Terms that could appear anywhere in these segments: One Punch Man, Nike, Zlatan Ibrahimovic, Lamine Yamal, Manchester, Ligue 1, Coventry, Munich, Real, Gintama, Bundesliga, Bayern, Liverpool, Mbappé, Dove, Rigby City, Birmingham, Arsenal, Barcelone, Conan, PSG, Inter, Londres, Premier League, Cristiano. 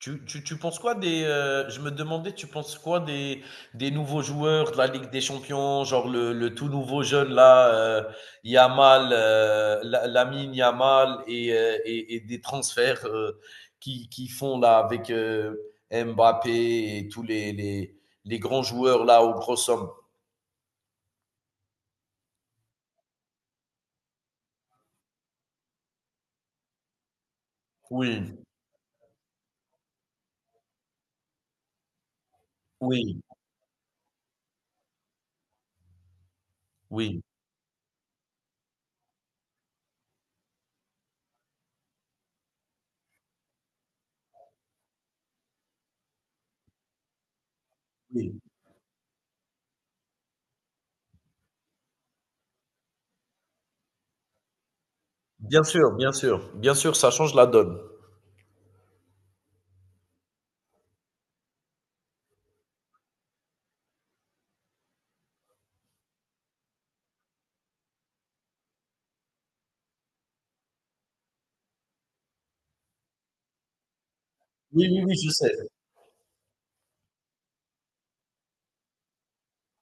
Tu penses quoi des, je me demandais, tu penses quoi des nouveaux joueurs de la Ligue des champions, genre le tout nouveau jeune là, Yamal, La Lamine Yamal et des transferts, qui font là avec, Mbappé et tous les grands joueurs là aux grosses sommes? Oui, oui, oui, oui. Bien sûr, bien sûr, bien sûr, ça change la donne. Oui, oui, oui, je sais.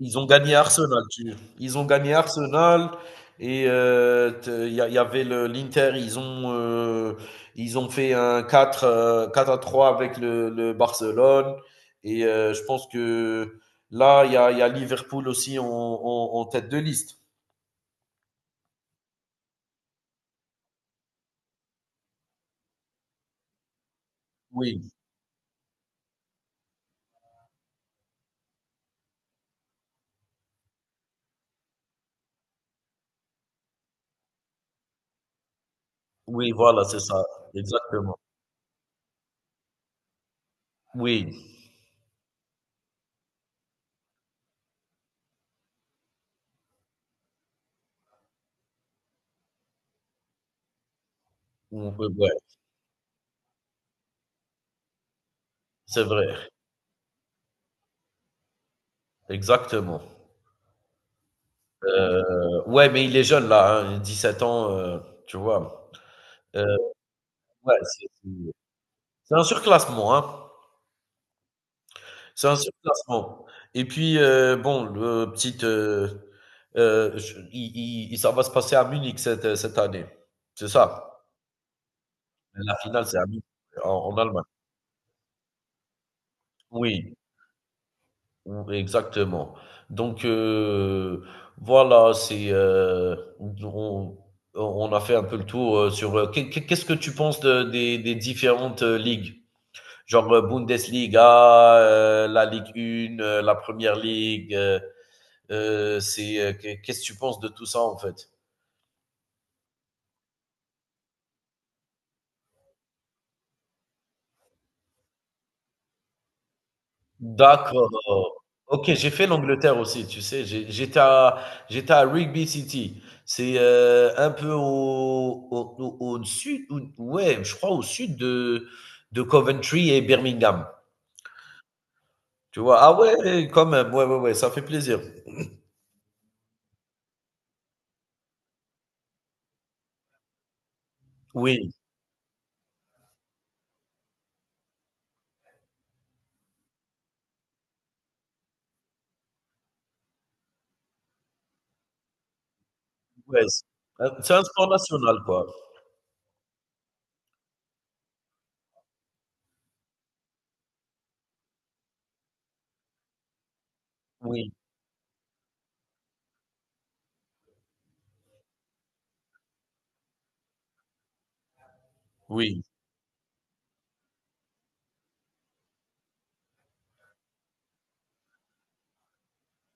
Ils ont gagné Arsenal, tu ils ont gagné Arsenal et te il y a il y avait le l'Inter, ils ont fait un quatre à trois avec le Barcelone et je pense que là, il y a Liverpool aussi en tête de liste. Oui, oui, voilà, c'est ça, exactement. Oui, on peut, ouais, c'est vrai, exactement. Heu, ouais, mais il est jeune là, hein, sept ans, tu vois? Heu, ouais, c'est C'est un surclassement, hein. C'est un surclassement et puis, bon, le petite, je i i ça va se passer à Munich cette, cette année. C'est ça? La finale, c'est à Munich, en Allemagne. Oui, ou exactement. Donc, voilà, c'est, on a fait un peu le tour, sur, qu'est-ce que tu penses de des différentes, ligues? Genre, Bundesliga, la Ligue 1, la première League. C'est qu'est-ce que tu penses de tout ça en fait? D'accord. OK, j'ai fait l'Angleterre aussi, tu sais. J'ai- j'étais à, j'étais à Rigby City. C'est un peu au, au, au- au sud, ou- ouais, je crois au sud de Coventry et Birmingham. Tu vois? Ah ouais, quand même. Ouais, ouais, ouais, ça fait plaisir. Oui, ouais, c'est un sport national, quoi. Oui, oui,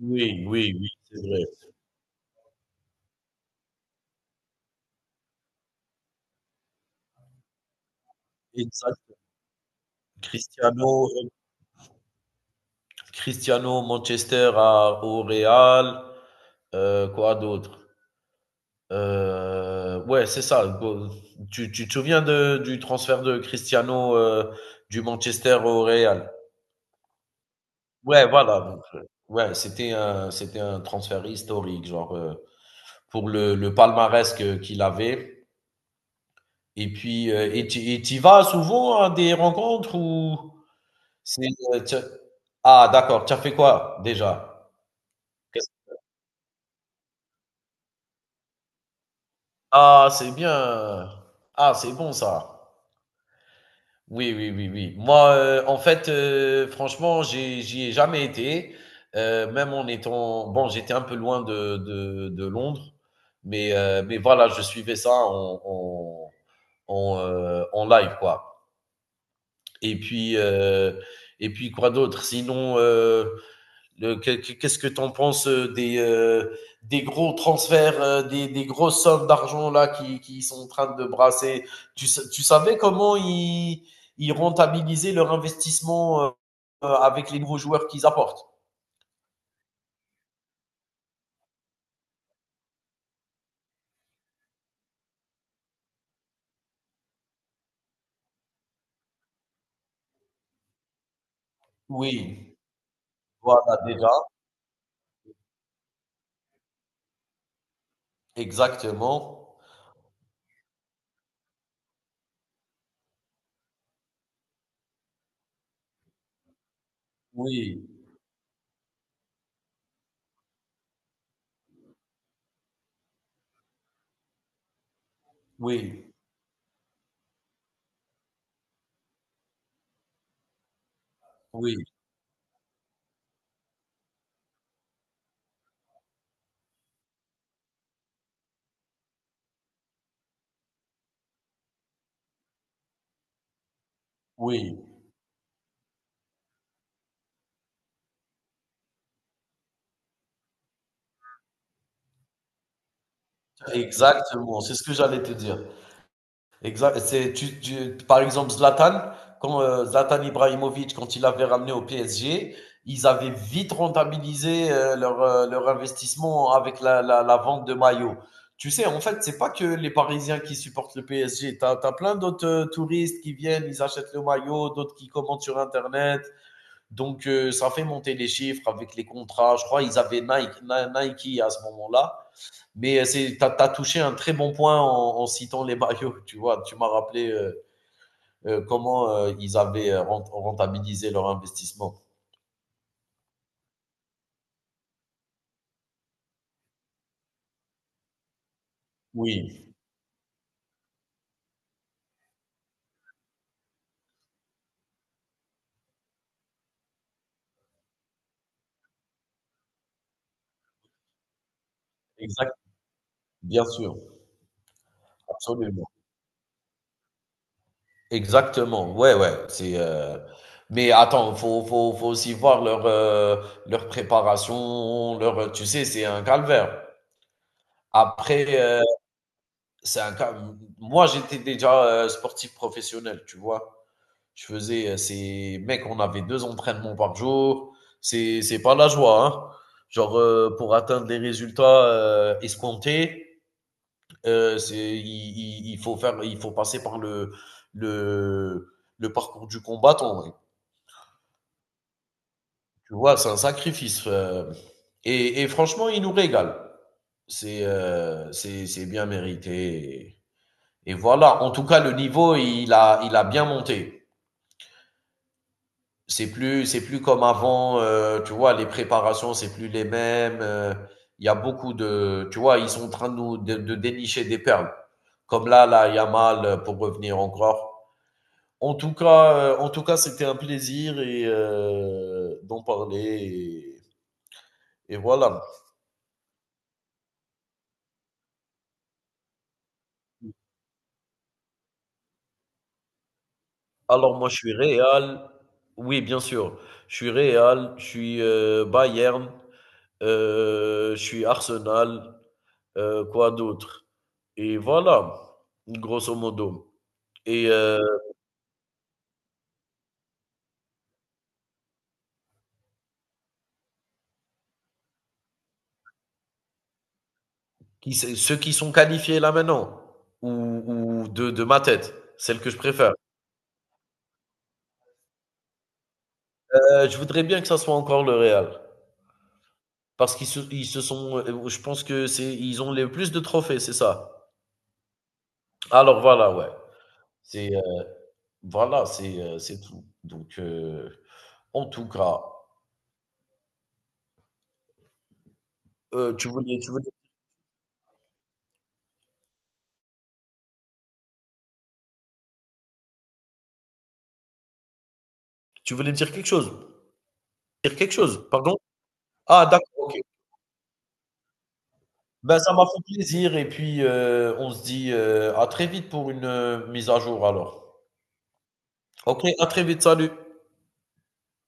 oui, oui, oui, c'est vrai. Exact. Cristiano Cristiano Manchester à, au Real. Quoi d'autre ouais, c'est ça. Tu te souviens de, du transfert de Cristiano, du Manchester au Real. Ouais, voilà. Donc, ouais, c'était c'était un transfert historique, genre. Pour le palmarès qu'il avait. Et puis, et tu et t'y vas souvent à des rencontres ou c'est. T'as- ah, d'accord. Tu as fait quoi déjà? Ah, c'est bien. Ah, c'est bon ça. Oui, oui, oui, oui. Moi, en fait, franchement, j'ai- j'y ai jamais été. Même en étant... Bon, j'étais un peu loin de Londres, mais voilà, je suivais ça en, en, en, en live, quoi. Et puis, euh, et puis quoi d'autre? Sinon, qu'est-ce que tu en penses, des gros transferts, des grosses sommes d'argent là qui sont en train de brasser. Tu savais comment ils, ils rentabilisaient leur investissement, avec les nouveaux joueurs qu'ils apportent? Oui, voilà déjà, exactement. Oui, oui, oui, oui, exactement. C'est ce que j'allais te dire. Exact. C'est, tu- par exemple, Zlatan, quand Zlatan Ibrahimovic, quand il avait ramené au PSG, ils avaient vite rentabilisé, leur, leur investissement avec la, la, la vente de maillots. Tu sais, en fait, c'est pas que les Parisiens qui supportent le PSG. T'as, t'as plein d'autres, touristes qui viennent, ils achètent le maillot, d'autres qui commandent sur Internet. Donc, ça fait monter les chiffres avec les contrats. Je crois ils avaient Nike, Nike à ce moment-là. Mais tu as touché un très bon point en, en citant les maillots. Tu vois, tu m'as rappelé, comment ils avaient, rentabilisé leur investissement. Oui, exact, bien sûr, absolument. Exactement, ouais, ouais. C'est, mais attends, faut, faut, faut aussi voir leur, leur préparation, leur, tu sais, c'est un calvaire. Après, c'est un moi, j'étais déjà sportif professionnel, tu vois. Je faisais, c'est, mec, on avait deux entraînements par jour. C'est pas la joie, hein. Genre, pour atteindre les résultats escomptés, c'est, il, il faut faire, il faut passer par le parcours du combattant, mec. Tu vois, c'est un sacrifice. Et franchement, il nous régale. C'est bien mérité. Et voilà. En tout cas, le niveau, il a bien monté. C'est plus comme avant, tu vois, les préparations, c'est plus les mêmes. Il y a beaucoup de, tu vois, ils sont en train de nous de dénicher des perles. Comme là, là, Yamal, pour revenir encore. En tout cas, c'était un plaisir et d'en parler. Et voilà. Alors moi, je suis Real. Oui, bien sûr. Je suis Real. Je suis Bayern. Je suis Arsenal, quoi d'autre? Et voilà, grosso modo. Et heu, qui c'est ceux qui sont qualifiés là maintenant ou ou de ma tête, celle que je préfère? Je voudrais bien que ça soit encore le Real parce qu'ils se ils se sont, je pense que c'est ils ont les plus de trophées, c'est ça? Alors voilà, ouais. C'est, voilà, c'est tout. Donc, en tout cas, tu voulais tu voulais me dire quelque chose? Dire quelque chose? Pardon? Ah d'accord, OK. Ben, ça m'a fait plaisir et puis, on se dit, à très vite pour une, mise à jour alors. OK, à très vite, salut.